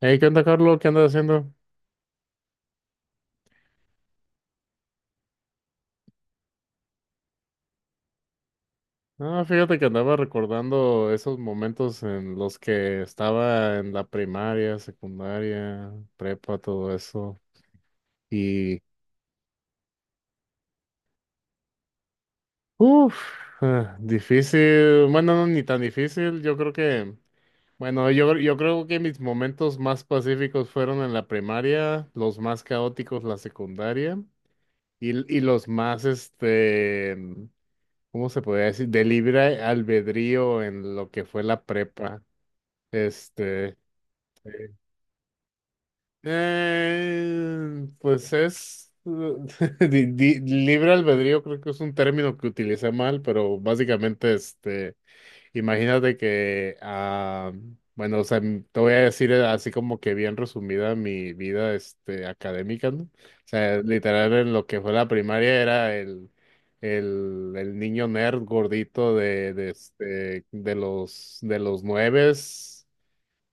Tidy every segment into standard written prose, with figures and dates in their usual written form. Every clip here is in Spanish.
Hey, ¿qué onda, Carlos? ¿Qué andas haciendo? Ah, fíjate que andaba recordando esos momentos en los que estaba en la primaria, secundaria, prepa, todo eso. Y, Uff, difícil. Bueno, no, ni tan difícil. Yo creo que, bueno, yo creo que mis momentos más pacíficos fueron en la primaria, los más caóticos la secundaria y, y los más, ¿cómo se podría decir? De libre albedrío en lo que fue la prepa. Este, pues es libre albedrío, creo que es un término que utilicé mal, pero básicamente, imagínate que, ah, bueno, o sea, te voy a decir así como que bien resumida mi vida, académica, ¿no? O sea, literal en lo que fue la primaria era el niño nerd gordito de los nueves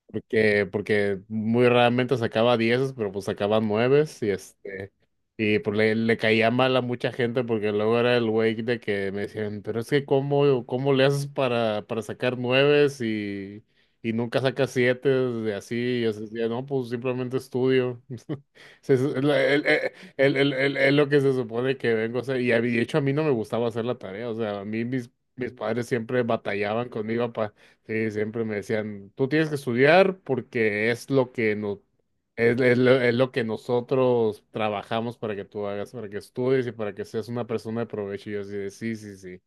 porque muy raramente sacaba dieces, pero pues sacaban nueves y pues le caía mal a mucha gente porque luego era el güey de que me decían, pero es que cómo le haces para sacar nueves y nunca sacas siete de así, y yo decía, no, pues simplemente estudio. Se- es la- el- Es lo que se supone que vengo a hacer. De hecho a mí no me gustaba hacer la tarea, o sea, a mí mis padres siempre batallaban conmigo para... Sí, siempre me decían, tú tienes que estudiar porque es lo que nos es lo que nosotros trabajamos para que tú hagas, para que estudies y para que seas una persona de provecho. Y yo así de, sí, sí, sí.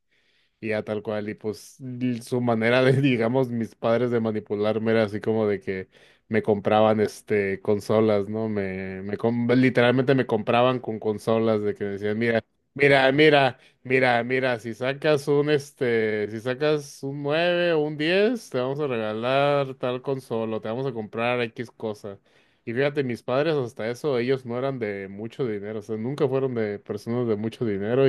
Y ya tal cual, y pues su manera de, digamos, mis padres de manipularme era así como de que me compraban consolas, ¿no? Literalmente me compraban con consolas de que decían, mira, mira, mira, mira, mira, si sacas un 9 o un 10 te vamos a regalar tal consola, o te vamos a comprar X cosa. Y fíjate, mis padres hasta eso, ellos no eran de mucho dinero, o sea, nunca fueron de personas de mucho dinero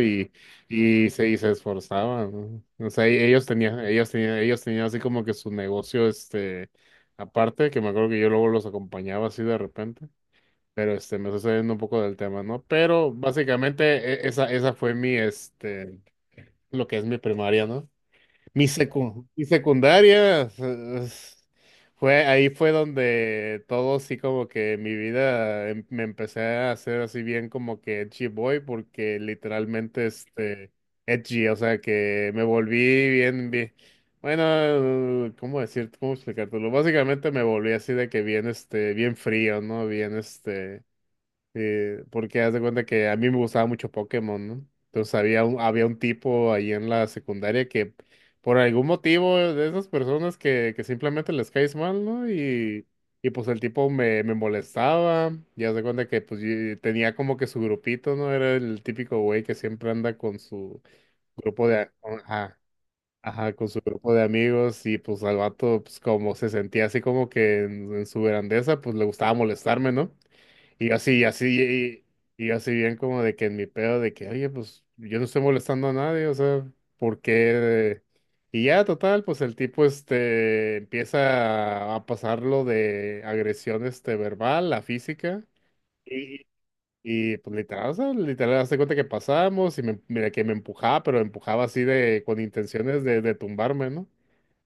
y se esforzaban, ¿no? O sea, y ellos tenían así como que su negocio, aparte, que me acuerdo que yo luego los acompañaba así de repente, pero me estoy saliendo un poco del tema, ¿no? Pero básicamente esa fue lo que es mi primaria, no, mi secundaria. Fue ahí fue donde todo sí como que mi vida me empecé a hacer así bien como que edgy boy porque literalmente edgy, o sea que me volví bien bien bueno, ¿cómo decir? ¿Cómo explicártelo? Básicamente me volví así de que bien bien frío, ¿no? Bien este Porque haz de cuenta que a mí me gustaba mucho Pokémon, ¿no? Entonces había un tipo ahí en la secundaria que por algún motivo de esas personas que simplemente les caes mal, ¿no? Y pues el tipo me molestaba, y haz de cuenta que pues yo tenía como que su grupito, ¿no? Era el típico güey que siempre anda con su grupo de... Ajá. Ajá, con su grupo de amigos y pues al vato pues como se sentía así como que en su grandeza pues le gustaba molestarme, ¿no? Y yo así, y así, y yo así bien como de que en mi pedo de que, oye, pues yo no estoy molestando a nadie, o sea, ¿por qué? Y ya, total, pues el tipo empieza a pasarlo de agresión verbal a física. Y, pues literal, o sea, literal, hazte cuenta que pasamos y mira que me empujaba, pero empujaba así con intenciones de tumbarme, ¿no?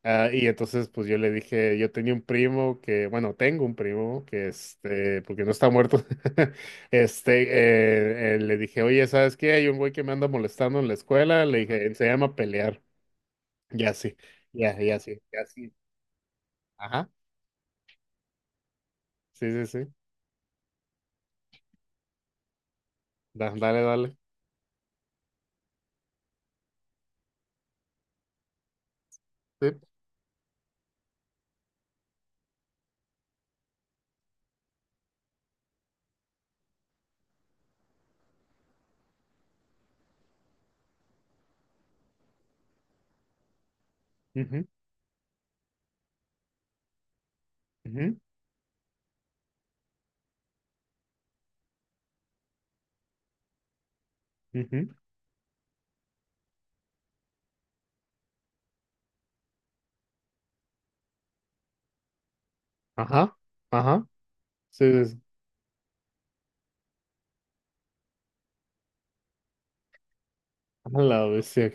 Ah, y entonces, pues yo le dije, yo tenía un primo que, bueno, tengo un primo que, porque no está muerto, este, le dije, oye, ¿sabes qué? Hay un güey que me anda molestando en la escuela, le dije, se llama pelear, ya sí, ya, ya sí, ya sí, ajá, sí, sí, sí. Dale, dale. Sí, ujú, ujú, ujú, ajá, ajá, sí, sí, sí. A la bestia.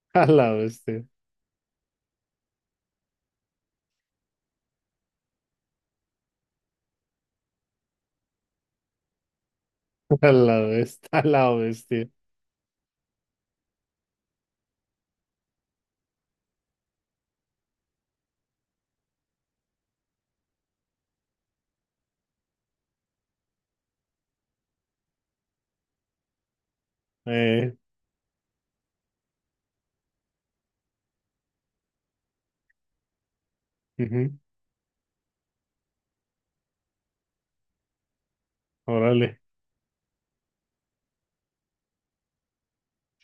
A la bestia, a la bestia, a la bestia. eh, Ujú, órale.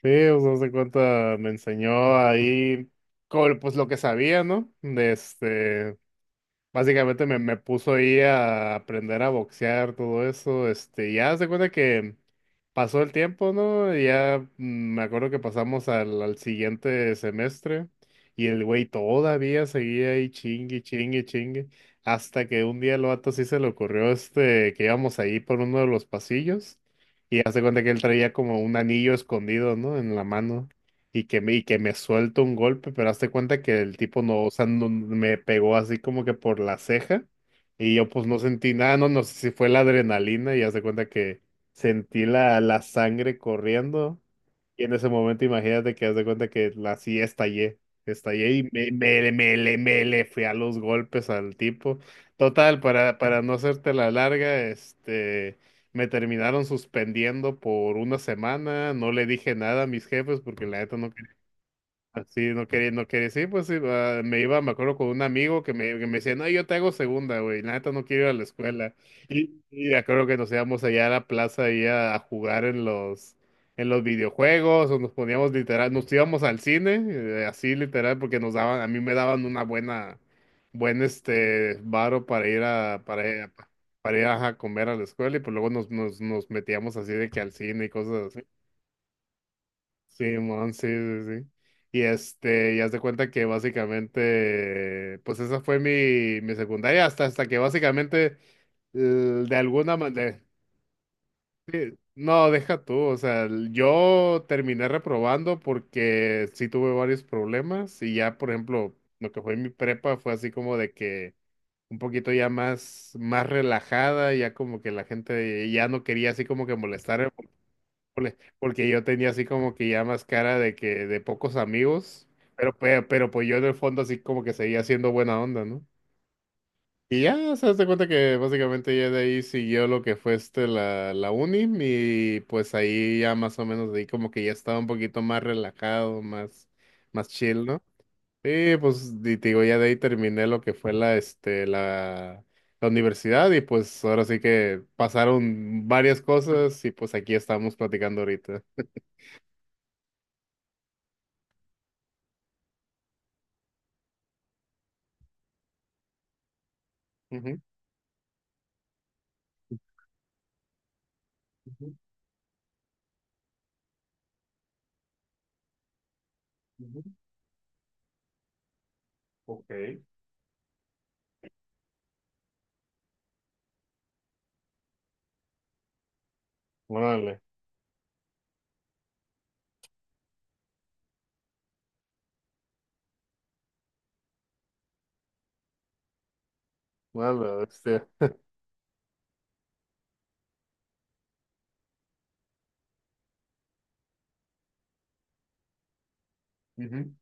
Sí, o sea, se cuenta, me enseñó ahí, pues lo que sabía, ¿no? De este. Básicamente me puso ahí a aprender a boxear, todo eso, ya se cuenta que pasó el tiempo, ¿no? Y ya me acuerdo que pasamos al siguiente semestre y el güey todavía seguía ahí chingue, chingue, chingue, hasta que un día el vato sí se le ocurrió, que íbamos ahí por uno de los pasillos y hace cuenta que él traía como un anillo escondido, ¿no? En la mano. Y que me suelta un golpe, pero hazte cuenta que el tipo no, o sea, me pegó así como que por la ceja y yo pues no sentí nada, no, no sé si fue la adrenalina y hazte cuenta que sentí la sangre corriendo y en ese momento imagínate que hazte cuenta que así estallé, estallé y me le fui a los golpes al tipo. Total, para no hacerte la larga. Me terminaron suspendiendo por una semana, no le dije nada a mis jefes porque la neta no. Sí, no quería, no quería, sí, pues sí, ah, me iba, me acuerdo con un amigo que que me decía, no, yo te hago segunda, güey, la neta no quiero ir a la escuela. Y me acuerdo que nos íbamos allá a la plaza ahí a jugar en los videojuegos, o nos poníamos literal, nos íbamos al cine, así literal, porque nos daban, a mí me daban buen varo para ir a comer a la escuela, y pues luego nos metíamos así de que al cine y cosas. Simón, sí, sí, sí. Y haz de cuenta que básicamente, pues esa fue mi secundaria, hasta que básicamente, l- de alguna manera, no, deja tú, o sea, yo terminé reprobando porque sí tuve varios problemas y ya, por ejemplo, lo que fue mi prepa fue así como de que un poquito ya más, más relajada, ya como que la gente ya no quería así como que molestar. Ole. Porque yo tenía así como que ya más cara de que de pocos amigos, pero, pues yo en el fondo así como que seguía siendo buena onda, ¿no? Y ya se das cuenta que básicamente ya de ahí siguió lo que fue la uni y pues ahí ya más o menos de ahí como que ya estaba un poquito más relajado, más, chill, ¿no? Sí, pues y te digo, ya de ahí terminé lo que fue la universidad y pues ahora sí que pasaron varias cosas y pues aquí estamos platicando ahorita. Ujú, ujú. Ok. Órale, órale, bestia. Ujú.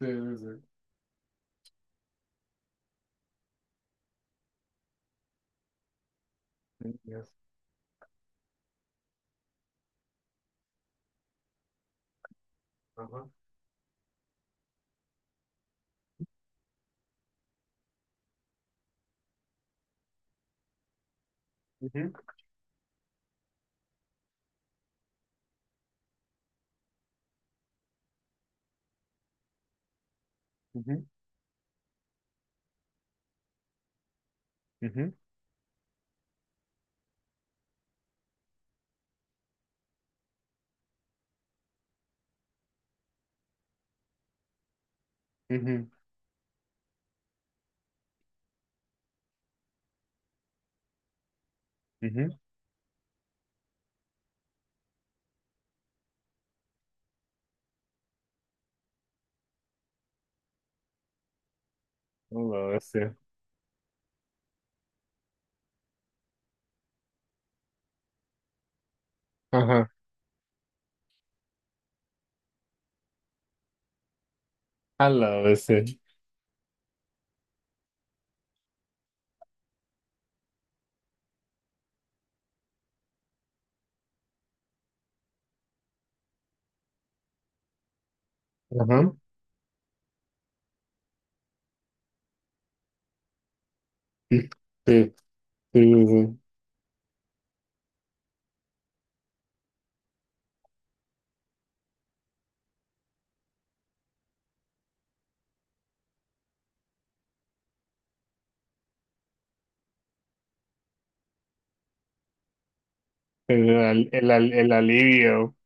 Sí, sí, sí. Yes. Ajá. Ujú, ujú, ujú, ujú, ujú. A la bestia. Ajá. A la bestia. Ajá. Sí, sí, sí, sí. El alivio.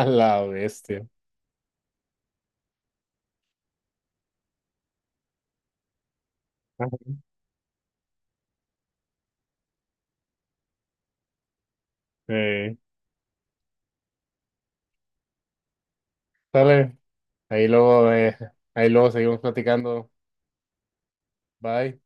A la bestia. Ajá. Eh, Dale. Ahí luego, eh, Ahí luego seguimos platicando. Bye.